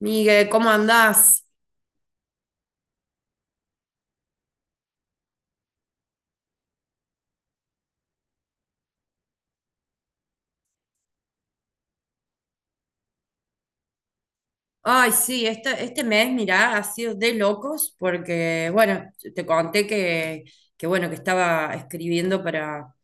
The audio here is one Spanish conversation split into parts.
Miguel, ¿cómo andás? Ay, sí, este mes, mirá, ha sido de locos porque, bueno, te conté que bueno, que estaba escribiendo para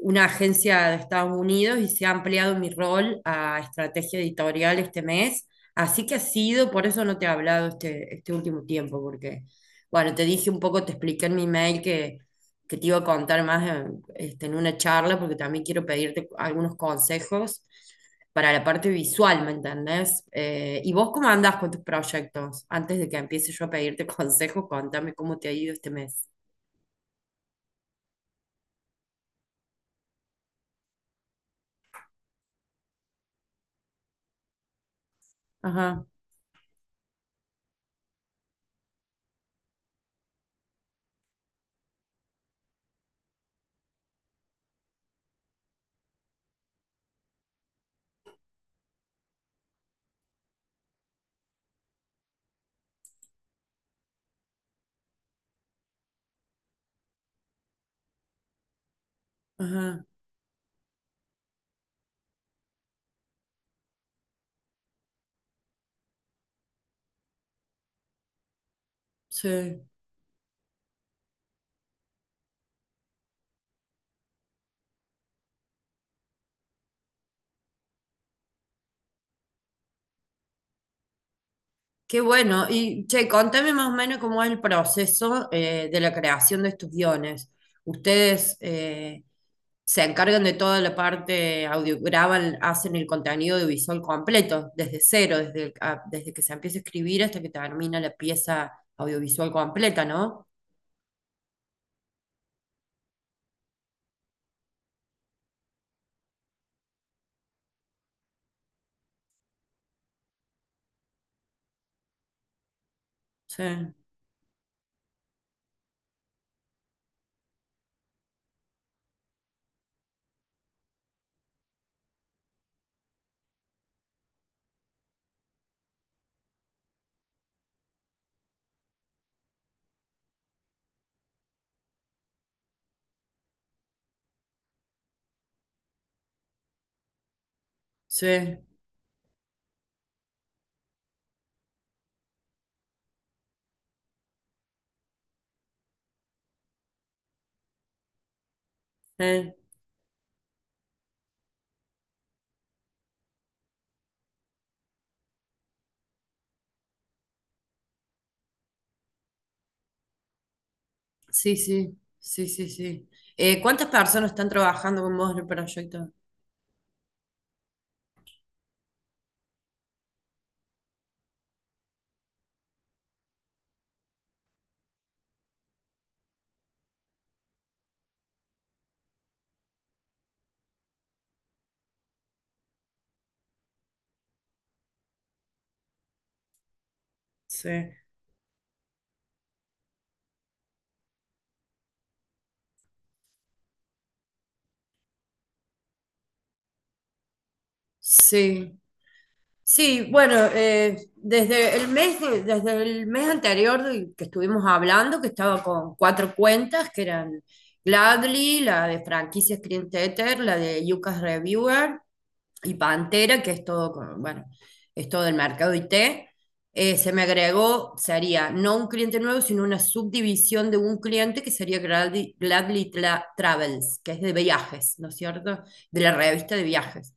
una agencia de Estados Unidos y se ha ampliado mi rol a estrategia editorial este mes. Así que ha sido, por eso no te he hablado este último tiempo, porque, bueno, te dije un poco, te expliqué en mi mail que te iba a contar más en, este, en una charla, porque también quiero pedirte algunos consejos para la parte visual, ¿me entendés? ¿Y vos cómo andás con tus proyectos? Antes de que empiece yo a pedirte consejos, contame cómo te ha ido este mes. Ajá, ajá, sí. Qué bueno. Y, che, contame más o menos cómo es el proceso de la creación de estos guiones. Ustedes se encargan de toda la parte audio, graban, hacen el contenido audiovisual completo, desde cero, desde, desde que se empieza a escribir hasta que termina la pieza audiovisual completa, ¿no? Sí. Sí, eh, sí, sí, sí, sí, sí. ¿Cuántas personas están trabajando con vos en el proyecto? Sí, sí, sí, bueno, desde el desde el mes anterior que estuvimos hablando, que estaba con cuatro cuentas, que eran Gladly, la de franquicias Clienteter, la de Yucas Reviewer y Pantera, que es todo, bueno, es todo el mercado IT, se me agregó, sería no un cliente nuevo, sino una subdivisión de un cliente que sería Gladly, Travels, que es de viajes, ¿no es cierto? De la revista de viajes.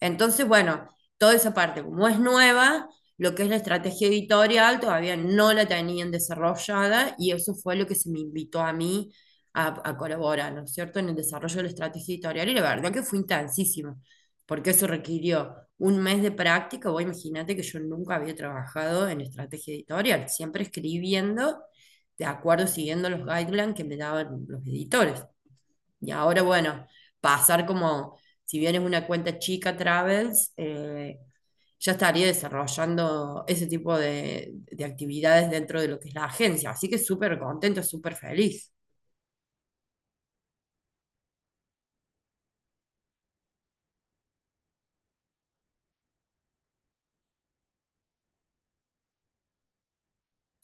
Entonces, bueno, toda esa parte, como es nueva, lo que es la estrategia editorial todavía no la tenían desarrollada y eso fue lo que se me invitó a mí a colaborar, ¿no es cierto?, en el desarrollo de la estrategia editorial y la verdad que fue intensísimo porque eso requirió un mes de práctica. Vos imagínate que yo nunca había trabajado en estrategia editorial, siempre escribiendo de acuerdo, siguiendo los guidelines que me daban los editores. Y ahora, bueno, pasar como, si bien es una cuenta chica Travels, ya estaría desarrollando ese tipo de actividades dentro de lo que es la agencia. Así que súper contento, súper feliz.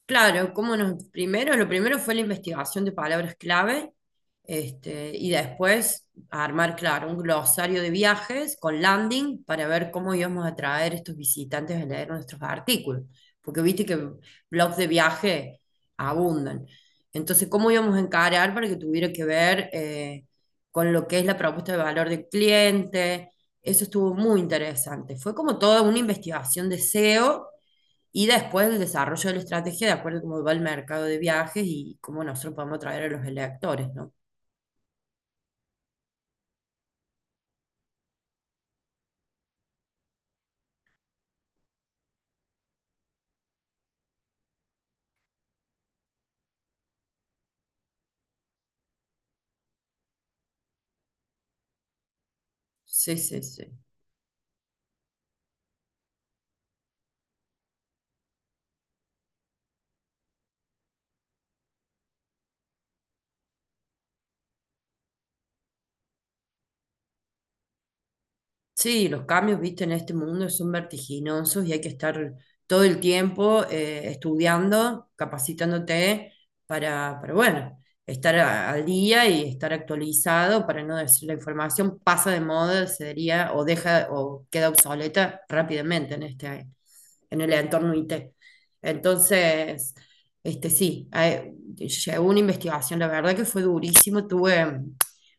Claro, cómo nos, primero, lo primero fue la investigación de palabras clave, este, y después armar, claro, un glosario de viajes con landing para ver cómo íbamos a traer estos visitantes a leer nuestros artículos, porque viste que blogs de viaje abundan. Entonces, ¿cómo íbamos a encarar para que tuviera que ver con lo que es la propuesta de valor del cliente? Eso estuvo muy interesante. Fue como toda una investigación de SEO y después el desarrollo de la estrategia de acuerdo a cómo va el mercado de viajes y cómo nosotros podemos atraer a los electores, ¿no? Sí, sí, sí. Sí, los cambios, viste, en este mundo son vertiginosos y hay que estar todo el tiempo estudiando, capacitándote para, bueno, estar al día y estar actualizado para no decir la información pasa de moda, se diría, o deja o queda obsoleta rápidamente en este, en el entorno IT. Entonces, este sí, llevo una investigación, la verdad que fue durísimo, tuve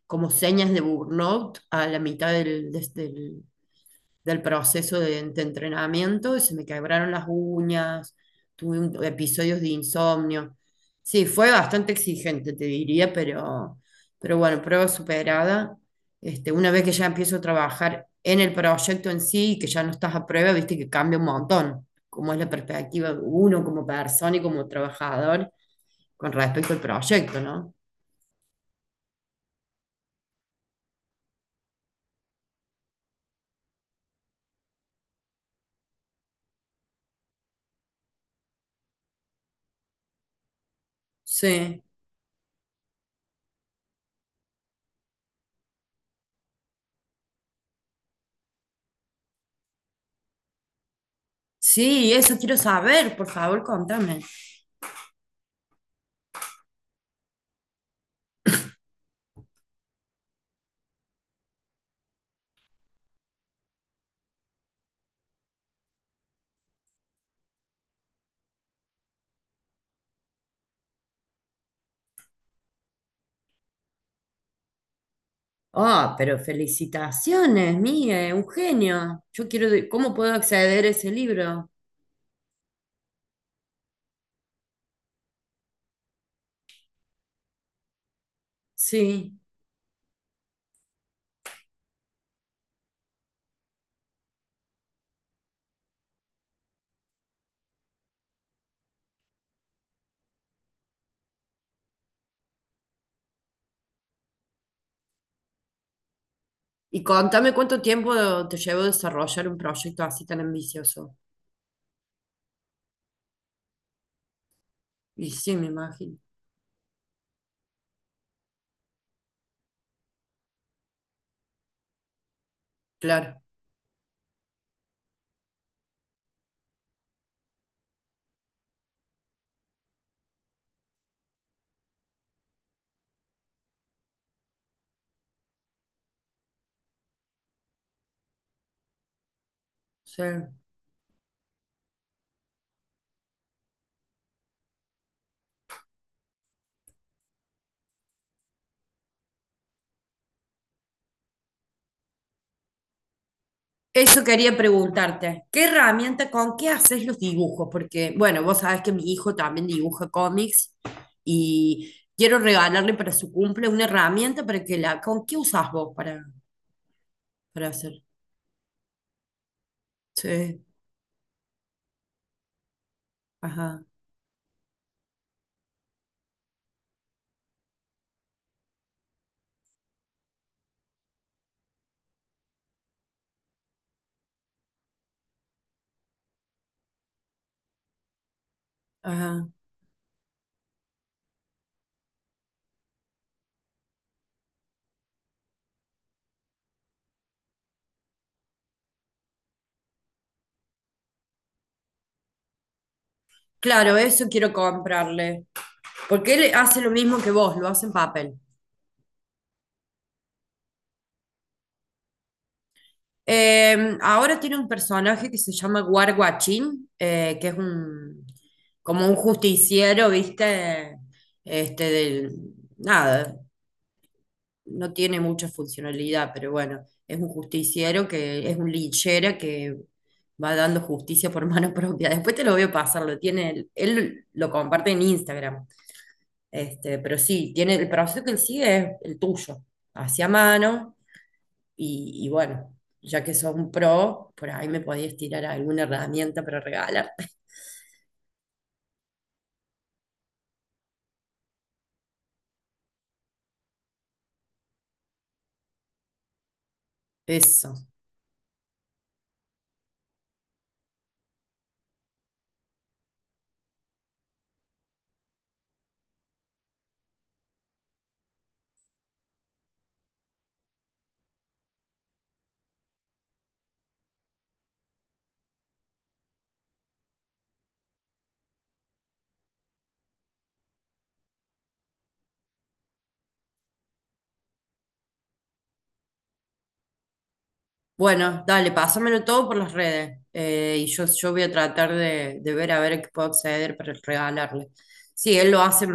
como señas de burnout a la mitad del proceso de entrenamiento, y se me quebraron las uñas, tuve episodios de insomnio. Sí, fue bastante exigente, te diría, pero bueno, prueba superada. Este, una vez que ya empiezo a trabajar en el proyecto en sí y que ya no estás a prueba, viste que cambia un montón, cómo es la perspectiva de uno como persona y como trabajador con respecto al proyecto, ¿no? Sí. Sí, eso quiero saber, por favor, contame. Oh, pero felicitaciones, mía, un genio. Yo quiero, ¿cómo puedo acceder a ese libro? Sí. Y contame cuánto tiempo te llevó desarrollar un proyecto así tan ambicioso. Y sí, me imagino. Claro, sí. Eso quería preguntarte. ¿Qué herramienta, con qué haces los dibujos? Porque, bueno, vos sabés que mi hijo también dibuja cómics y quiero regalarle para su cumple una herramienta para que la... ¿Con qué usás vos para...? Para hacer. Sí, ajá, ajá. Claro, eso quiero comprarle. Porque él hace lo mismo que vos, lo hace en papel. Ahora tiene un personaje que se llama Warguachín, que es un como un justiciero, ¿viste? Este del nada, no tiene mucha funcionalidad, pero bueno, es un justiciero que es un linchera que va dando justicia por mano propia. Después te lo voy a pasar, lo tiene, él lo comparte en Instagram. Este, pero sí, tiene el proceso que él sigue es el tuyo, hacia mano, y bueno, ya que sos un pro, por ahí me podías tirar alguna herramienta para regalar. Eso. Bueno, dale, pásamelo todo por las redes. Y yo voy a tratar de ver a ver qué puedo acceder para regalarle. Sí, él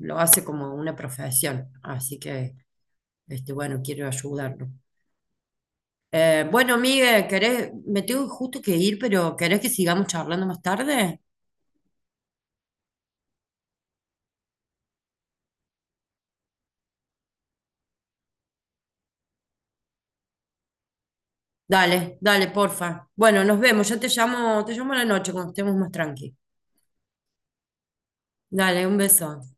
lo hace como una profesión, así que, este, bueno, quiero ayudarlo. Bueno, Miguel, ¿querés? Me tengo justo que ir, pero ¿querés que sigamos charlando más tarde? Dale, dale, porfa. Bueno, nos vemos. Yo te llamo a la noche cuando estemos más tranqui. Dale, un beso.